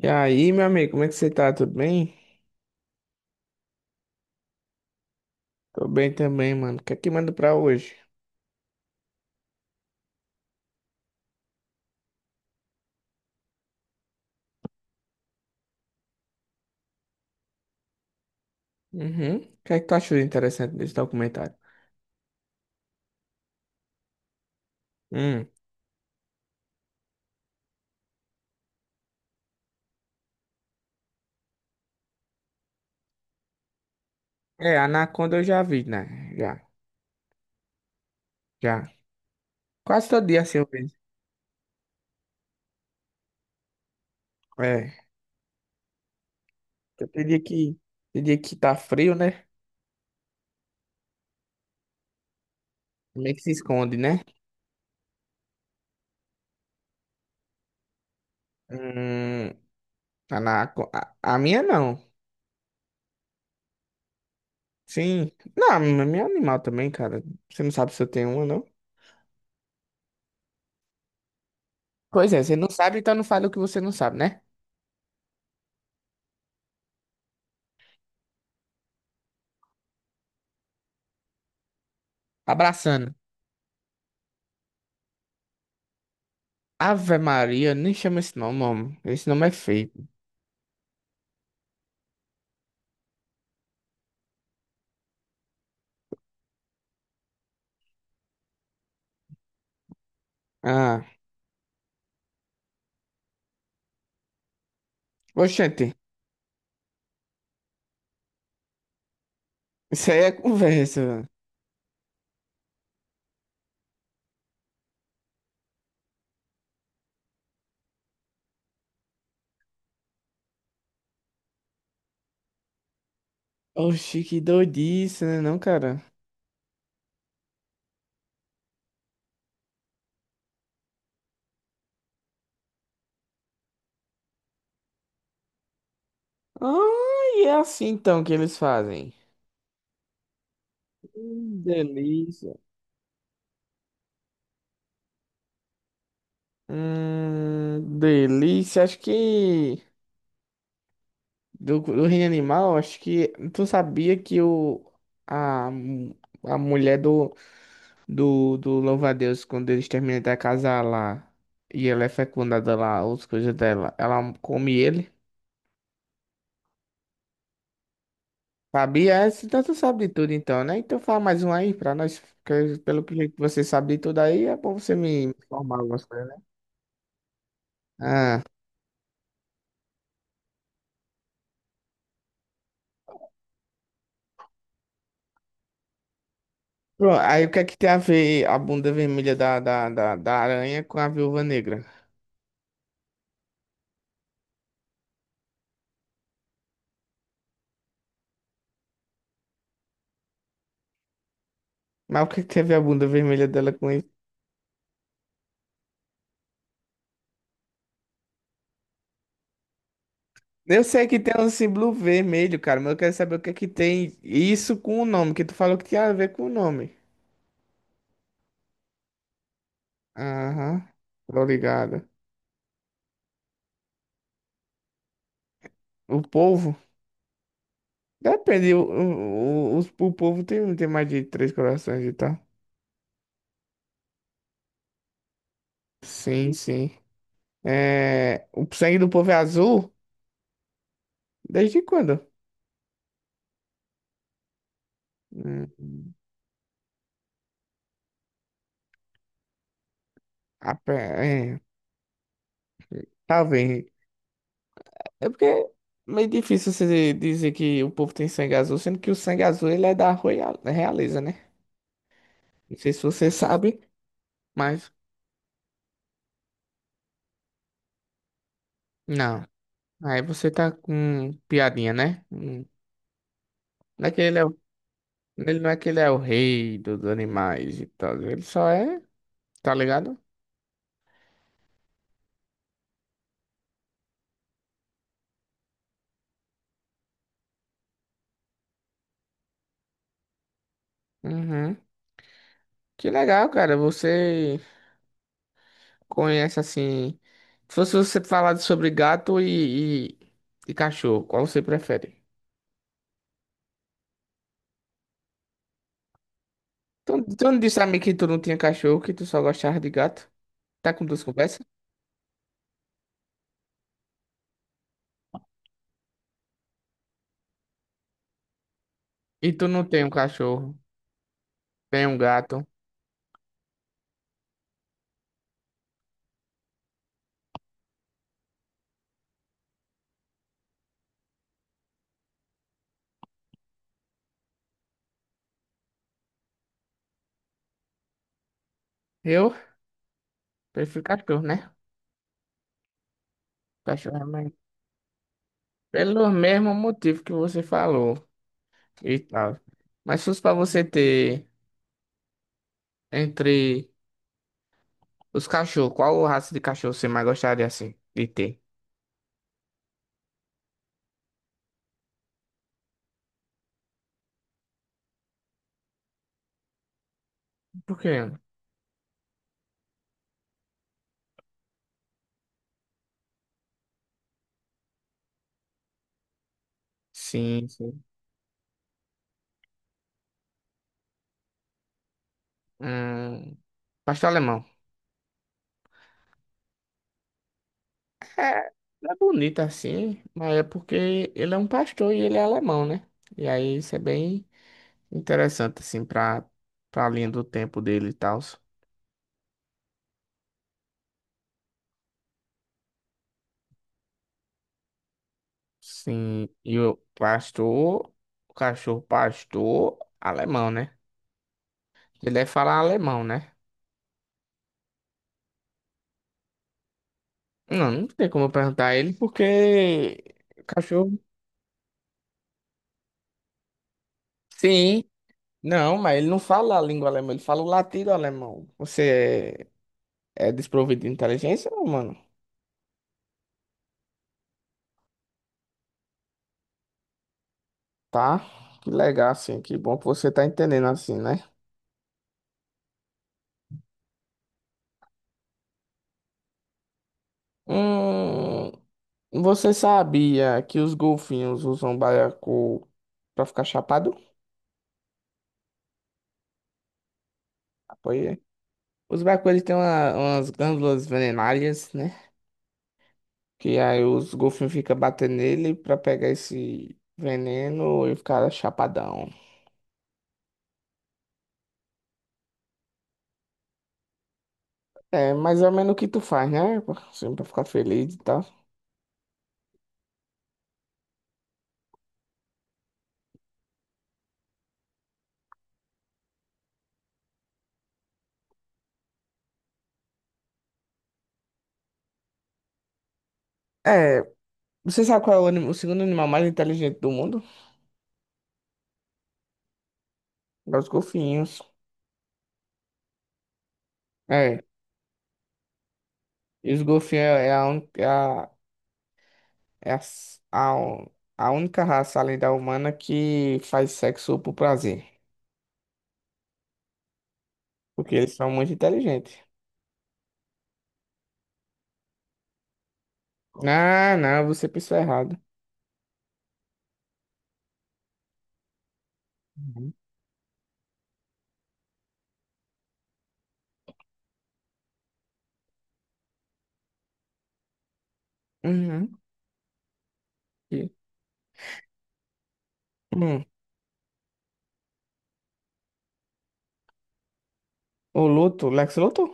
E aí, meu amigo, como é que você tá? Tudo bem? Tô bem também, mano. O que é que manda pra hoje? Uhum. O que é que tu achou de interessante desse documentário? Hum. É, Anaconda eu já vi, né? Já, já. Quase todo dia assim eu vejo. É. Porque tem dia que tá frio, né? Meio que se esconde, né? Hum. Anaconda. A minha não. Sim. Não, a minha é animal também, cara. Você não sabe se eu tenho uma, não? Pois é, você não sabe, então não fala o que você não sabe, né? Abraçando. Ave Maria, nem chama esse nome, homem. Esse nome é feio. Ah, oxente, isso aí é conversa, velho. Oxi, que doidice, né não, cara? Ah, e é assim então que eles fazem. Delícia. Delícia. Acho que do reino animal, acho que tu sabia que a, mu- a mulher do louva-a-Deus quando eles terminam de casar lá e ela é fecundada lá, as coisas dela, ela come ele. Fabi, é, então tu sabe de tudo então, né? Então fala mais um aí pra nós, porque pelo que você sabe de tudo aí, é bom você me informar algumas coisas, né? Ah, pronto. Aí o que é que tem a ver a bunda vermelha da aranha com a viúva negra? Mas o que é que tem a ver a bunda vermelha dela com isso? Eu sei que tem um símbolo vermelho, cara, mas eu quero saber o que é que tem isso com o nome, que tu falou que tinha a ver com o nome. Aham, tô ligado. O povo? Depende, o povo tem mais de três corações e tal. Sim, sim. É, o sangue do povo é azul? Desde quando? Hum, a pe- é, talvez. É porque é meio difícil você dizer que o povo tem sangue azul, sendo que o sangue azul ele é da realeza, né? Não sei se você sabe, mas. Não. Aí você tá com piadinha, né? Hum. Não é que ele é, o- ele não é que ele é o rei dos animais e tal. Ele só é, tá ligado? Uhum. Que legal, cara. Você. Conhece assim. Se fosse você falar sobre gato e cachorro, qual você prefere? Tu não disse a mim que tu não tinha cachorro, que tu só gostava de gato? Tá com duas conversas? E tu não tem um cachorro, tem um gato. Eu prefiro cachorro, né? Cachorro é mais. Pelo mesmo motivo que você falou e tal. Mas se fosse pra você ter entre os cachorros, qual raça de cachorro você mais gostaria assim de ter? Por quê? Sim, sim. Hum, pastor alemão. É bonito assim, mas é porque ele é um pastor e ele é alemão, né? E aí isso é bem interessante, assim, pra linha do tempo dele e tal. Sim, e o pastor, o cachorro pastor, alemão, né? Ele deve falar alemão, né? Não, não tem como eu perguntar a ele, porque o cachorro. Sim, não, mas ele não fala a língua alemã, ele fala o latido alemão. Você é desprovido de inteligência, não, mano? Tá? Que legal, assim. Que bom que você tá entendendo assim, né? Hum, você sabia que os golfinhos usam baiacu pra ficar chapado? Apoiei. Os baiacus, eles têm umas glândulas venenárias, né? Que aí os golfinhos ficam batendo nele pra pegar esse veneno e ficar chapadão. É mais ou menos o que tu faz, né? Assim, pra ficar feliz e tal. É. Você sabe qual é o segundo animal mais inteligente do mundo? É os golfinhos. É. E os golfinhos é a, un- é a, é a, s- a única raça além da humana que faz sexo por prazer. Porque eles são muito inteligentes. Ah, não, você pensou errado. Uhum. Uhum. E- Hum. O Luto, Lex Luthor?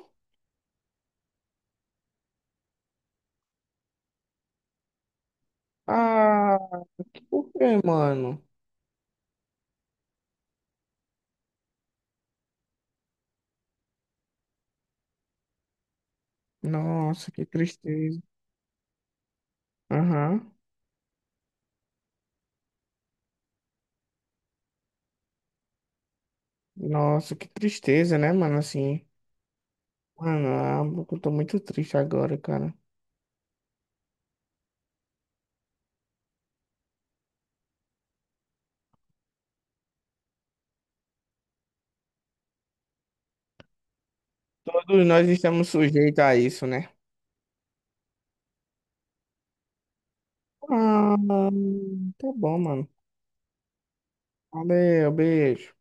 Ah, por quê, mano? Nossa, que tristeza. Aham. Nossa, que tristeza, né, mano? Assim. Mano, ah, eu tô muito triste agora, cara. Todos nós estamos sujeitos a isso, né? Ah, tá bom, mano. Valeu, beijo.